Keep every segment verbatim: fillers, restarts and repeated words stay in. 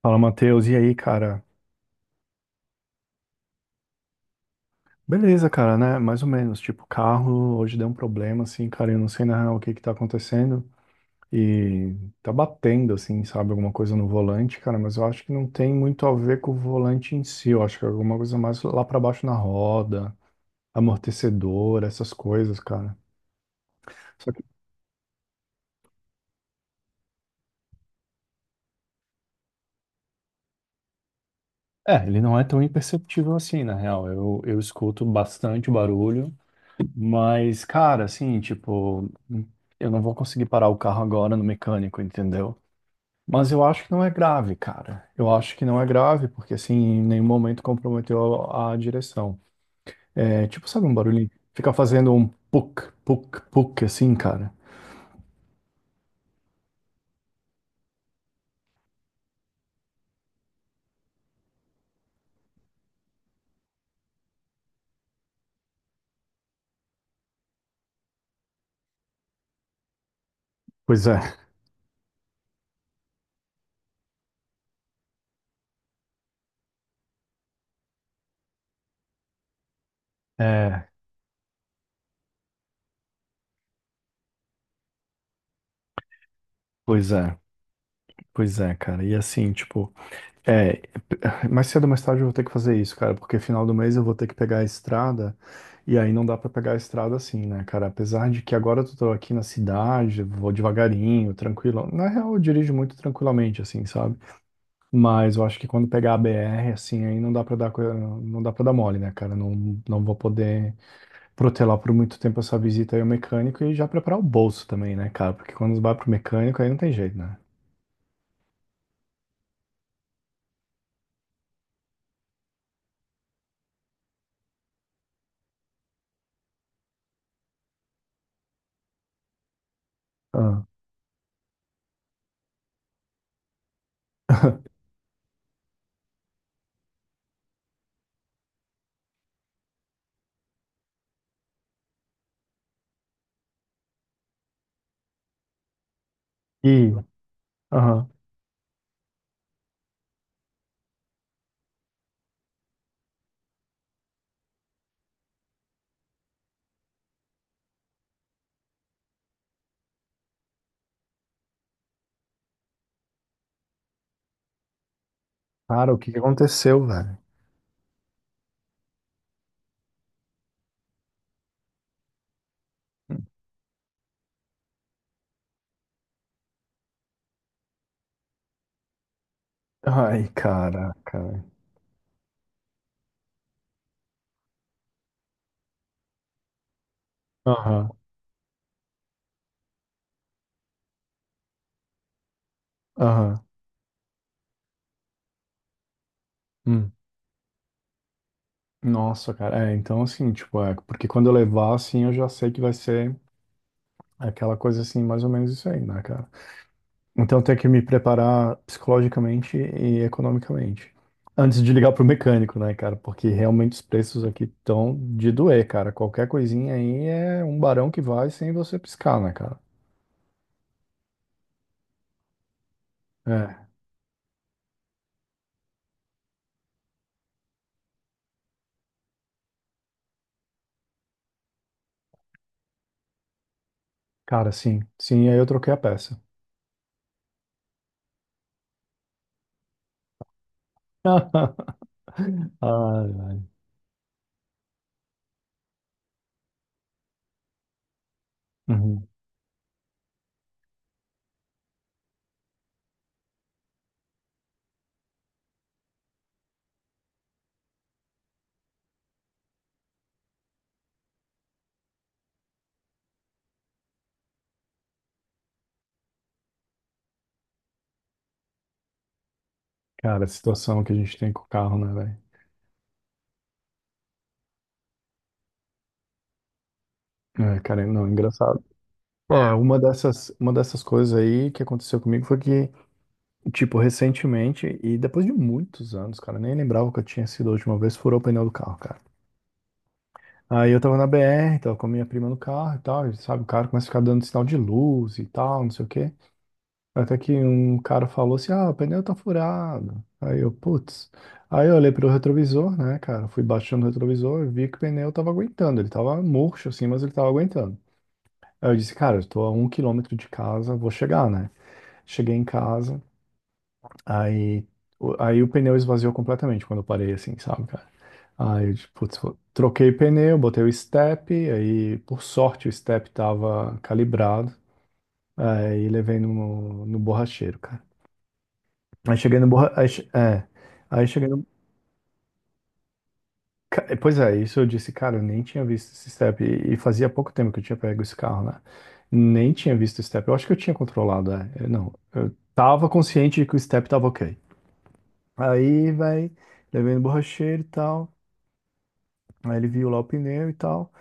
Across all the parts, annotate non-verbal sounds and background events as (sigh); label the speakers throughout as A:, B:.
A: Fala, Matheus. E aí, cara? Beleza, cara, né? Mais ou menos. Tipo, carro hoje deu um problema, assim, cara. Eu não sei na real o que que tá acontecendo. E tá batendo, assim, sabe? Alguma coisa no volante, cara. Mas eu acho que não tem muito a ver com o volante em si. Eu acho que é alguma coisa mais lá pra baixo na roda, amortecedor, essas coisas, cara. Só que, é, ele não é tão imperceptível assim, na real. Eu, eu escuto bastante barulho. Mas, cara, assim, tipo. Eu não vou conseguir parar o carro agora no mecânico, entendeu? Mas eu acho que não é grave, cara. Eu acho que não é grave, porque assim, em nenhum momento comprometeu a, a direção. É tipo, sabe um barulhinho? Fica fazendo um puk, puk, puk, assim, cara. Pois é. É, pois é. Pois é, cara. E assim, tipo, é, mais cedo ou mais tarde eu vou ter que fazer isso, cara, porque final do mês eu vou ter que pegar a estrada, e aí não dá pra pegar a estrada assim, né, cara? Apesar de que agora eu tô aqui na cidade, vou devagarinho, tranquilo. Na real, eu dirijo muito tranquilamente, assim, sabe? Mas eu acho que quando pegar a B R, assim, aí não dá pra dar, co- não dá para dar mole, né, cara? Não, não vou poder protelar por muito tempo essa visita aí ao mecânico e já preparar o bolso também, né, cara? Porque quando vai pro mecânico, aí não tem jeito, né? Ah. (laughs) E, aham. Cara, o que que aconteceu, velho? Ai, caraca, velho. Aham, aham. Hum. Nossa, cara. É, então assim, tipo, é, porque quando eu levar, assim, eu já sei que vai ser aquela coisa assim, mais ou menos isso aí, né, cara? Então eu tenho que me preparar psicologicamente e economicamente. Antes de ligar pro mecânico, né, cara? Porque realmente os preços aqui estão de doer, cara. Qualquer coisinha aí é um barão que vai sem você piscar, né, cara? É, cara, sim. Sim, aí eu troquei a peça. (laughs) Ai, ai. Uhum. Cara, a situação que a gente tem com o carro, né, velho? É, cara, não, é engraçado. É, uma dessas, uma dessas coisas aí que aconteceu comigo foi que tipo, recentemente, e depois de muitos anos, cara, nem lembrava que eu tinha sido a última vez, furou o pneu do carro, cara. Aí eu tava na B R, tava com a minha prima no carro e tal, e sabe, o cara começa a ficar dando sinal de luz e tal, não sei o quê. Até que um cara falou assim, ah, o pneu tá furado. Aí eu, putz. Aí eu olhei pro retrovisor, né, cara, fui baixando o retrovisor e vi que o pneu tava aguentando, ele tava murcho assim, mas ele tava aguentando. Aí eu disse, cara, eu tô a um quilômetro de casa, vou chegar, né? Cheguei em casa, aí, o- aí o pneu esvaziou completamente quando eu parei, assim, sabe, cara? Aí, eu, tipo, putz, vou- troquei pneu, botei o step, aí, por sorte, o step tava calibrado, aí levei no, no borracheiro, cara. Aí cheguei no borra... Aí, che- é, aí cheguei no... ca- eh, Pois é, isso eu disse, cara, eu nem tinha visto esse step, e, e fazia pouco tempo que eu tinha pego esse carro, né? Nem tinha visto o step, eu acho que eu tinha controlado, é, eu não, eu tava consciente de que o step tava ok. Aí, vai, levei no borracheiro e tal... Aí ele viu lá o pneu e tal.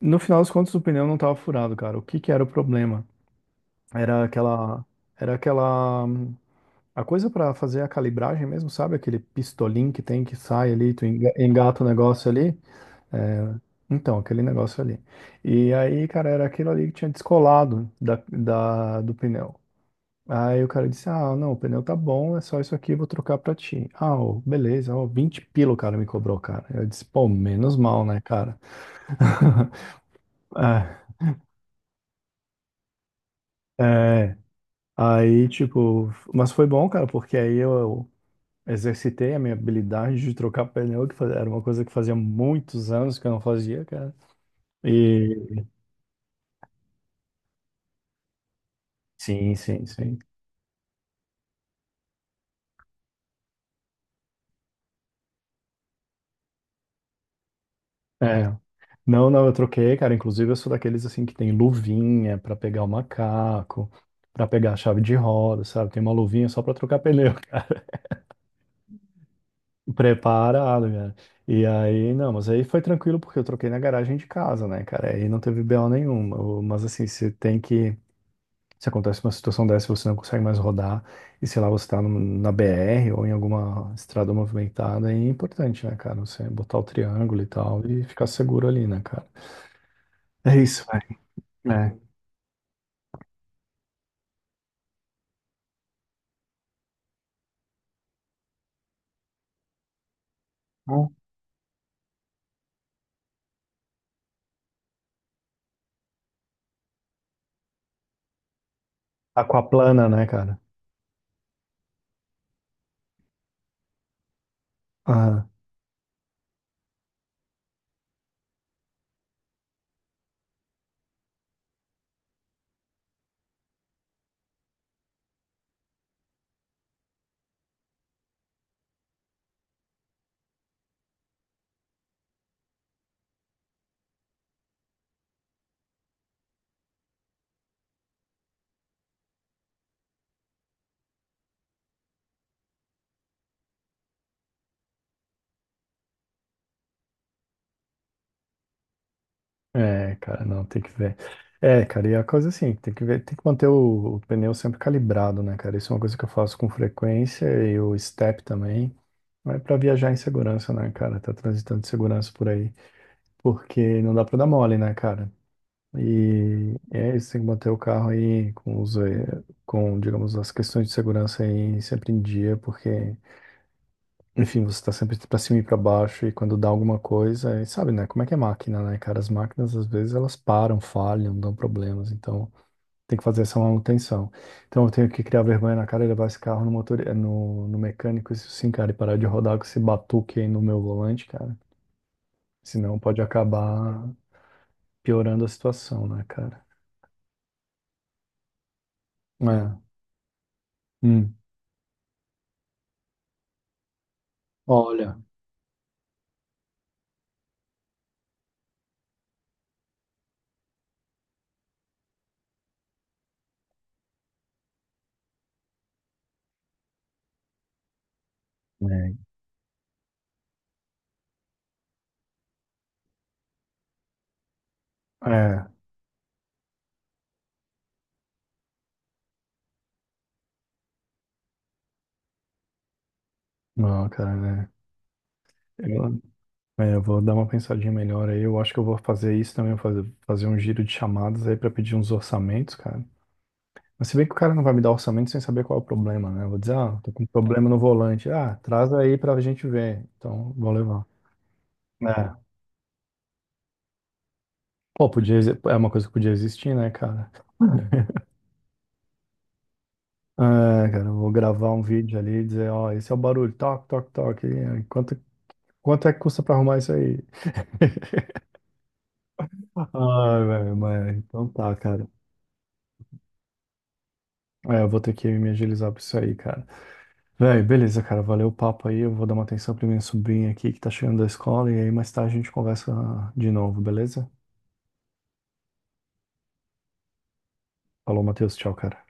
A: No final das contas, o pneu não tava furado, cara. O que que era o problema? Era aquela, era aquela, hum, a coisa pra fazer a calibragem mesmo, sabe? Aquele pistolim que tem que sai ali, tu enga- engata o negócio ali. É, então, aquele negócio ali. E aí, cara, era aquilo ali que tinha descolado da, da- do pneu. Aí o cara disse, ah, não, o pneu tá bom, é só isso aqui, vou trocar pra ti. Ah, ô, beleza, ó, vinte pila o cara me cobrou, cara. Eu disse, pô, menos mal, né, cara? (laughs) É, é, aí, tipo, mas foi bom, cara, porque aí eu exercitei a minha habilidade de trocar pneu, que faz- era uma coisa que fazia muitos anos que eu não fazia, cara. E sim, sim, sim. É. Não, não, eu troquei, cara. Inclusive, eu sou daqueles assim que tem luvinha pra pegar o macaco, pra pegar a chave de roda, sabe? Tem uma luvinha só pra trocar pneu. (laughs) Preparado, cara. E aí, não, mas aí foi tranquilo porque eu troquei na garagem de casa, né, cara? Aí não teve B O nenhuma. O- Mas assim, você tem que. Se acontece uma situação dessa, você não consegue mais rodar, e sei lá, você tá num- na B R ou em alguma estrada movimentada, é importante, né, cara? Você botar o triângulo e tal e ficar seguro ali, né, cara? É isso, velho. É. Aquaplana, né, cara? Ah. É, cara, não, tem que ver. É, cara, e é a coisa assim, tem que ver, tem que manter o, o pneu sempre calibrado, né, cara? Isso é uma coisa que eu faço com frequência e o step também. Mas pra viajar em segurança, né, cara? Tá transitando de segurança por aí. Porque não dá pra dar mole, né, cara? E é isso, tem que manter o carro aí com os, eh, com, digamos, as questões de segurança aí sempre em dia, porque enfim, você tá sempre pra cima e pra baixo, e quando dá alguma coisa, e sabe, né? Como é que é máquina, né, cara? As máquinas, às vezes, elas param, falham, dão problemas, então tem que fazer essa manutenção. Então eu tenho que criar vergonha na cara e levar esse carro no motor, eh, no, no mecânico, isso sim, cara, e parar de rodar com esse batuque aí no meu volante, cara. Senão pode acabar piorando a situação, né, cara? É. Hum. Olha. É. É. Não, cara, né? É, eu vou dar uma pensadinha melhor aí. Eu acho que eu vou fazer isso também, eu vou fazer, fazer um giro de chamadas aí pra pedir uns orçamentos, cara. Mas se bem que o cara não vai me dar orçamento sem saber qual é o problema, né? Eu vou dizer, ah, tô com um problema no volante. Ah, traz aí pra gente ver. Então, vou levar. É. Pô, podia, exi- é uma coisa que podia existir, né, cara? (laughs) É, cara, eu vou gravar um vídeo ali e dizer, ó, esse é o barulho, toque, toque, toque. E quanto, quanto é que custa pra arrumar isso aí? (laughs) Ai, velho, mas então tá, cara. É, eu vou ter que me agilizar pra isso aí, cara. Véi, beleza, cara. Valeu o papo aí. Eu vou dar uma atenção pra minha sobrinha aqui que tá chegando da escola. E aí mais tarde a gente conversa de novo, beleza? Falou, Matheus. Tchau, cara.